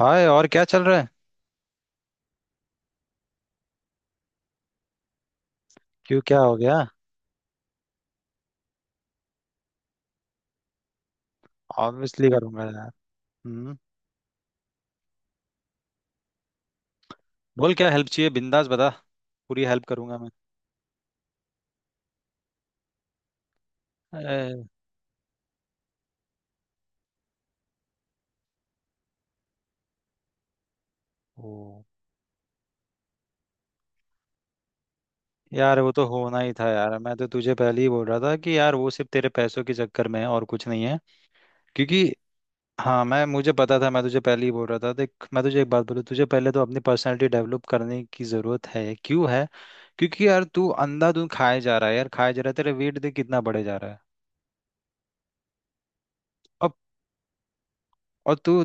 हाय, और क्या चल रहा है। क्यों, क्या हो गया। ऑब्वियसली करूंगा यार। हम्म। बोल क्या हेल्प चाहिए, बिंदास बता। पूरी हेल्प करूंगा मैं। अरे। ओ यार, वो तो होना ही था यार। मैं तो तुझे पहले ही बोल रहा था कि यार वो सिर्फ तेरे पैसों के चक्कर में है और कुछ नहीं है। क्योंकि हाँ, मैं मुझे पता था, मैं तुझे पहले ही बोल रहा था। देख मैं तुझे एक बात बोलूँ, तुझे पहले तो अपनी पर्सनालिटी डेवलप करने की ज़रूरत है। क्यों है? क्योंकि यार तू अंधाधुंध खाए जा रहा है यार, खाए जा रहा है, तेरा वेट देख कितना बढ़े जा रहा है। और और तू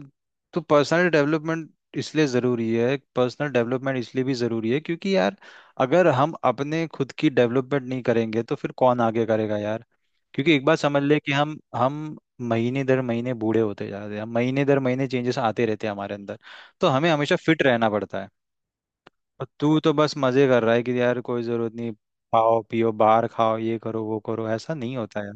तो पर्सनल डेवलपमेंट इसलिए ज़रूरी है, पर्सनल डेवलपमेंट इसलिए भी ज़रूरी है क्योंकि यार अगर हम अपने खुद की डेवलपमेंट नहीं करेंगे तो फिर कौन आगे करेगा यार। क्योंकि एक बात समझ ले कि हम महीने दर महीने बूढ़े होते जा रहे हैं, महीने दर महीने चेंजेस आते रहते हैं हमारे अंदर। तो हमें हमेशा फिट रहना पड़ता है। और तू तो बस मज़े कर रहा है कि यार कोई ज़रूरत नहीं, खाओ पियो, बाहर खाओ, ये करो वो करो, ऐसा नहीं होता है।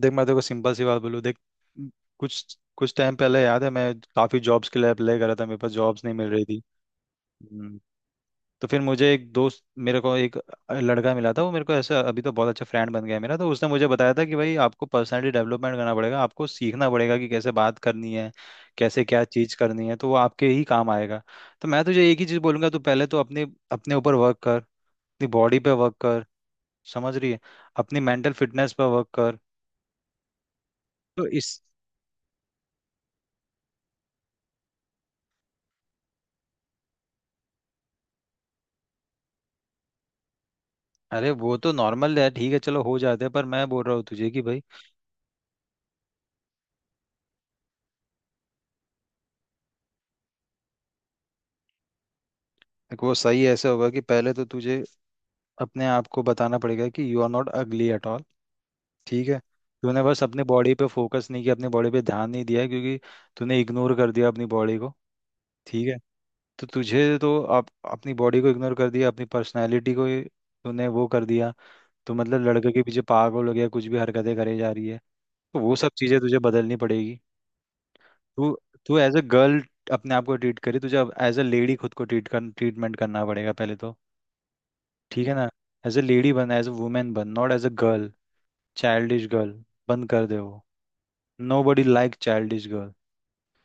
देख मैं तेरे को सिंपल सी बात बोलूँ, देख कुछ कुछ टाइम पहले याद है मैं काफ़ी जॉब्स के लिए अप्लाई कर रहा था, मेरे पास जॉब्स नहीं मिल रही थी। हम्म, तो फिर मुझे एक दोस्त, मेरे को एक लड़का मिला था, वो मेरे को ऐसा अभी तो बहुत अच्छा फ्रेंड बन गया है मेरा। तो उसने मुझे बताया था कि भाई आपको पर्सनैलिटी डेवलपमेंट करना पड़ेगा, आपको सीखना पड़ेगा कि कैसे बात करनी है, कैसे क्या चीज़ करनी है, तो वो आपके ही काम आएगा। तो मैं तुझे एक ही चीज़ बोलूंगा, तू पहले तो अपने अपने ऊपर वर्क कर, अपनी बॉडी पे वर्क कर, समझ रही है, अपनी मेंटल फिटनेस पे वर्क कर। तो इस, अरे वो तो नॉर्मल है, ठीक है, चलो हो जाते हैं, पर मैं बोल रहा हूँ तुझे कि भाई देखो वो सही ऐसे होगा कि पहले तो तुझे अपने आप को बताना पड़ेगा कि you are not ugly at all. ठीक है। तूने बस अपनी बॉडी पे फोकस नहीं किया, अपनी बॉडी पे ध्यान नहीं दिया, क्योंकि तूने इग्नोर कर दिया अपनी बॉडी को। ठीक है। तो तुझे, तो आप अपनी बॉडी को इग्नोर कर दिया, अपनी पर्सनैलिटी को ही तूने वो कर दिया। तो मतलब लड़के के पीछे पागल हो गया, कुछ भी हरकतें करे जा रही है। तो वो सब चीज़ें तुझे बदलनी पड़ेगी। तू, तू एज अ गर्ल अपने आप को ट्रीट करी, तुझे अब एज अ लेडी खुद को ट्रीट कर, ट्रीटमेंट करना पड़ेगा पहले तो। ठीक है ना। एज अ लेडी बन, एज अ वुमेन बन, not as a girl, childish girl, बंद कर दे वो। Nobody like childish girl.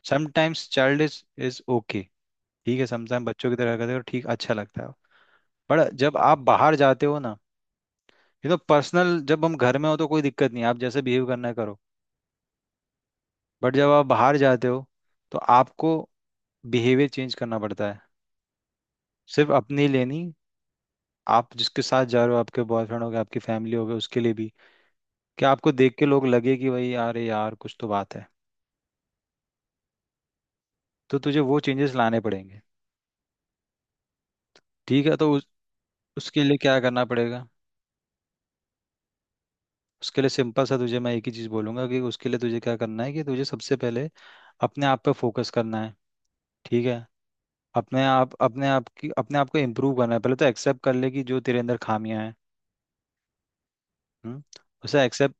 Sometimes childish is okay. ठीक है, समटाइम बच्चों की तरह करते हो ठीक, अच्छा लगता है। पर जब आप बाहर जाते हो ना, ये तो पर्सनल, जब हम घर में हो तो कोई दिक्कत नहीं, आप जैसे बिहेव करना है करो, बट जब आप बाहर जाते हो तो आपको बिहेवियर चेंज करना पड़ता है। सिर्फ अपनी लेनी, आप जिसके साथ जा रहे हो, आपके बॉयफ्रेंड हो गए, आपकी फैमिली हो गए, उसके लिए भी, कि आपको देख के लोग लगे कि भाई यार ये यार कुछ तो बात है। तो तुझे वो चेंजेस लाने पड़ेंगे। ठीक है तो उस, उसके लिए क्या करना पड़ेगा। उसके लिए सिंपल सा तुझे मैं एक ही चीज़ बोलूंगा कि उसके लिए तुझे क्या करना है कि तुझे सबसे पहले अपने आप पे फोकस करना है। ठीक है। अपने आप, अपने आप की, अपने आप को इम्प्रूव करना है, पहले तो एक्सेप्ट कर ले कि जो तेरे अंदर खामियां हैं। हम्म, उसे एक्सेप्ट,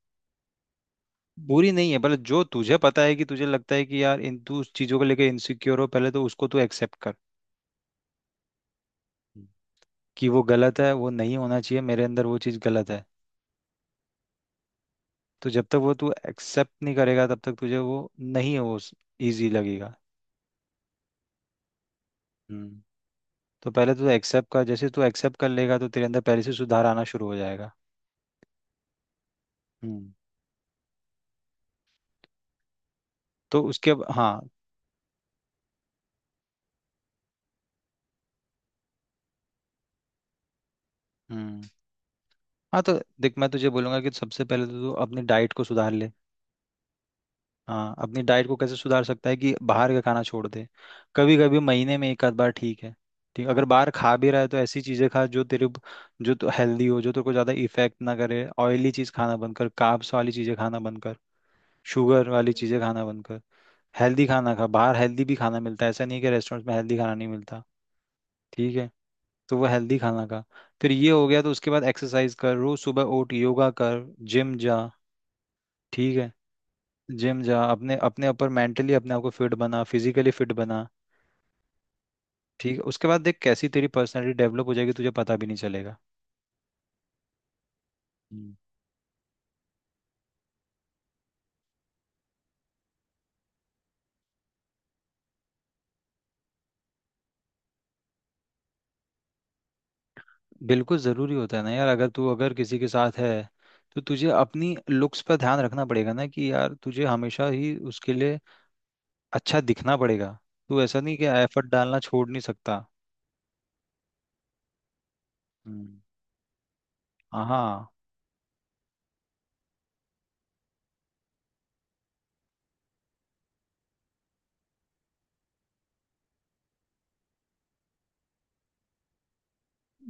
बुरी नहीं है, पहले जो तुझे पता है कि तुझे लगता है कि यार इन तू उस चीज़ों को लेकर इनसिक्योर हो, पहले तो उसको तू एक्सेप्ट कर कि वो गलत है, वो नहीं होना चाहिए मेरे अंदर, वो चीज़ गलत है। तो जब तक वो तू एक्सेप्ट नहीं करेगा, तब तक तुझे वो नहीं, वो ईजी लगेगा। हम्म। तो पहले तू एक्सेप्ट कर, जैसे तू एक्सेप्ट कर लेगा तो तेरे अंदर पहले से सुधार आना शुरू हो जाएगा। हम्म। तो उसके अब- हाँ। हम्म। हाँ तो देख मैं तुझे बोलूंगा कि सबसे पहले तो तू अपनी डाइट को सुधार ले। हाँ, अपनी डाइट को कैसे सुधार सकता है कि बाहर का खाना छोड़ दे, कभी कभी महीने में एक आध बार ठीक है, ठीक अगर बाहर खा भी रहा है तो ऐसी चीज़ें खा जो तेरे, जो तो हेल्दी हो, जो तेरे को ज़्यादा इफेक्ट ना करे। ऑयली चीज़ खाना बंद कर, कार्ब्स वाली चीज़ें खाना बंद कर, शुगर वाली चीज़ें खाना बंद कर। हेल्दी खाना खा, बाहर हेल्दी भी खाना मिलता है, ऐसा नहीं है कि रेस्टोरेंट्स में हेल्दी खाना नहीं मिलता। ठीक है। तो वो हेल्दी खाना खा। फिर ये हो गया तो उसके बाद एक्सरसाइज कर, रोज सुबह उठ, योगा कर, जिम जा। ठीक है, जिम जा, अपने अपने ऊपर मेंटली अपने आप को फिट बना, फिजिकली फिट बना। ठीक है। उसके बाद देख कैसी तेरी पर्सनालिटी डेवलप हो जाएगी, तुझे पता भी नहीं चलेगा। हम्म। बिल्कुल ज़रूरी होता है ना यार, अगर तू अगर किसी के साथ है तो तुझे अपनी लुक्स पर ध्यान रखना पड़ेगा ना कि यार तुझे हमेशा ही उसके लिए अच्छा दिखना पड़ेगा। तू ऐसा नहीं कि एफर्ट डालना छोड़ नहीं सकता। हम्म। हाँ।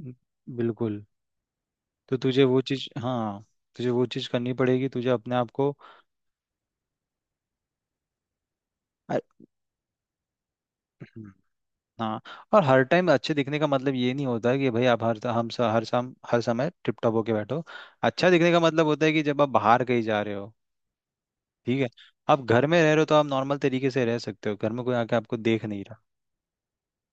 न- बिल्कुल। तो तुझे वो चीज़ हाँ, तुझे वो चीज़ करनी पड़ेगी, तुझे अपने आप को। हाँ और हर टाइम अच्छे दिखने का मतलब ये नहीं होता है कि भाई आप हर हर शाम हर समय टिप टॉप होके बैठो। अच्छा दिखने का मतलब होता है कि जब आप बाहर कहीं जा रहे हो। ठीक है। आप घर में रह रहे हो तो आप नॉर्मल तरीके से रह सकते हो, घर में कोई आके आपको देख नहीं रहा।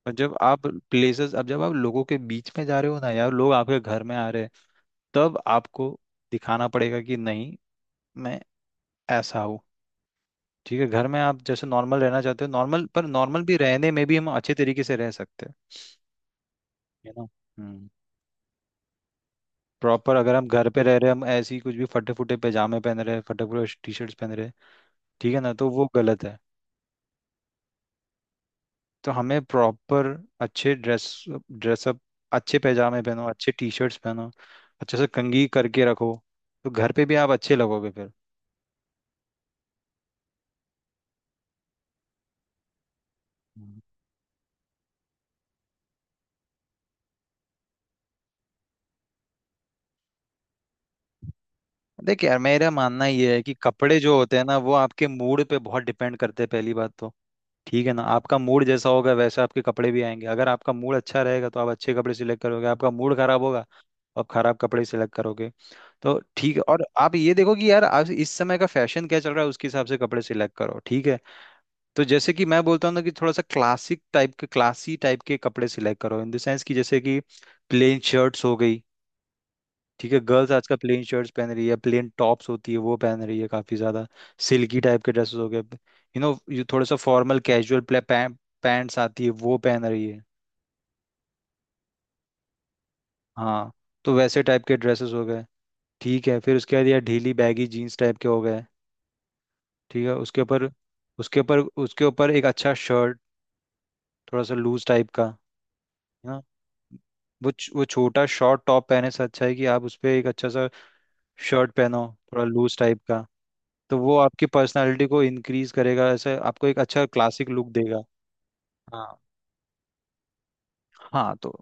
पर जब आप प्लेसेस, अब जब आप लोगों के बीच में जा रहे हो ना यार, लोग आपके घर में आ रहे हैं तब आपको दिखाना पड़ेगा कि नहीं, मैं ऐसा हूँ। ठीक है घर में आप जैसे नॉर्मल रहना चाहते हो, नॉर्मल, पर नॉर्मल भी रहने में भी हम अच्छे तरीके से रह सकते हैं। है ना। हम्म। प्रॉपर अगर हम घर पे रह रहे हैं, हम ऐसे ही कुछ भी फटे फुटे पैजामे पहन रहे हैं, फटे फुटे टी शर्ट्स पहन रहे हैं, ठीक है ना, तो वो गलत है। तो हमें प्रॉपर अच्छे ड्रेस, ड्रेसअप, अच्छे पैजामे पहनो, अच्छे टी शर्ट्स पहनो, अच्छे से कंघी करके रखो, तो घर पे भी आप अच्छे लगोगे फिर। हम्म। देख यार मेरा मानना ये है कि कपड़े जो होते हैं ना वो आपके मूड पे बहुत डिपेंड करते हैं पहली बात तो। ठीक है ना। आपका मूड जैसा होगा वैसे आपके कपड़े भी आएंगे। अगर आपका मूड अच्छा रहेगा तो आप अच्छे कपड़े सिलेक्ट करोगे, आपका मूड खराब होगा और खराब कपड़े सिलेक्ट करोगे। तो ठीक है, और आप ये देखो कि यार आज इस समय का फैशन क्या चल रहा है उसके हिसाब से कपड़े सिलेक्ट करो। ठीक है। तो जैसे कि मैं बोलता हूँ ना कि थोड़ा सा क्लासिक टाइप के, क्लासी टाइप के कपड़े सिलेक्ट करो, इन द सेंस कि जैसे कि प्लेन शर्ट्स हो गई। ठीक है, गर्ल्स आजकल प्लेन शर्ट्स पहन रही है, प्लेन टॉप्स होती है वो पहन रही है काफी ज्यादा, सिल्की टाइप के ड्रेसेस हो गए यू नो, ये थोड़ा सा फॉर्मल कैजुअल पैंट्स आती है वो पहन रही है। हाँ। तो वैसे टाइप के ड्रेसेस हो गए। ठीक है, फिर उसके बाद यार ढीली बैगी जीन्स टाइप के हो गए, ठीक है, उसके ऊपर, उसके ऊपर एक अच्छा शर्ट, थोड़ा सा लूज टाइप का, है ना, वो वो छोटा शॉर्ट टॉप पहने से अच्छा है कि आप उस पे एक अच्छा सा शर्ट पहनो, थोड़ा लूज टाइप का। तो वो आपकी पर्सनालिटी को इंक्रीज करेगा, ऐसे आपको एक अच्छा क्लासिक लुक देगा। हाँ। हाँ तो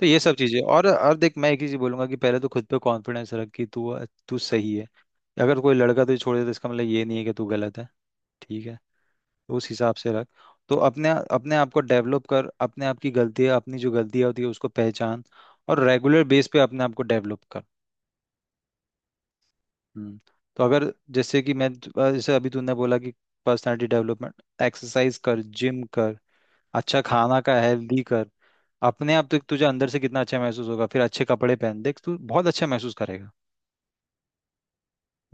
तो ये सब चीजें, और देख मैं एक ही चीज बोलूंगा कि पहले तो खुद पे कॉन्फिडेंस रख कि तू, तू सही है। अगर कोई लड़का तुझे छोड़ दे तो इसका मतलब ये नहीं है कि तू गलत है। ठीक है। तो उस हिसाब से रख। तो अपने, अपने आप को डेवलप कर, अपने आप की गलतियाँ, अपनी जो गलतियाँ होती है उसको पहचान, और रेगुलर बेस पे अपने आप को डेवलप कर। हम्म। तो अगर जैसे कि मैं जैसे अभी तूने बोला कि पर्सनालिटी डेवलपमेंट, एक्सरसाइज कर, जिम कर, अच्छा खाना का हेल्दी कर, अपने आप तो तुझे अंदर से कितना अच्छा महसूस होगा, फिर अच्छे कपड़े पहन, देख तू बहुत अच्छा महसूस करेगा,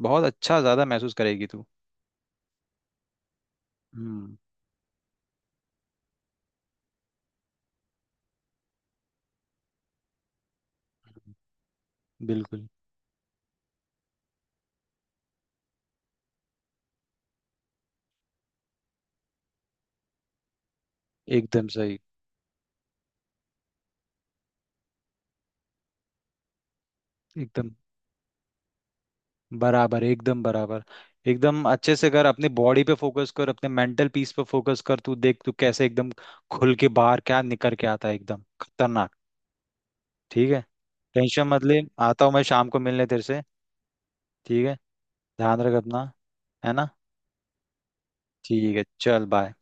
बहुत अच्छा ज्यादा महसूस करेगी तू। हम्म। बिल्कुल, एकदम सही, एकदम बराबर, एकदम बराबर, एकदम अच्छे से कर, अपने बॉडी पे फोकस कर, अपने मेंटल पीस पे फोकस कर, तू देख तू कैसे एकदम खुल के बाहर क्या निकल के आता है एकदम खतरनाक। ठीक है। टेंशन मत ले, आता हूँ मैं शाम को मिलने तेरे से। ठीक है। ध्यान रख अपना, है ना। ठीक है, चल बाय।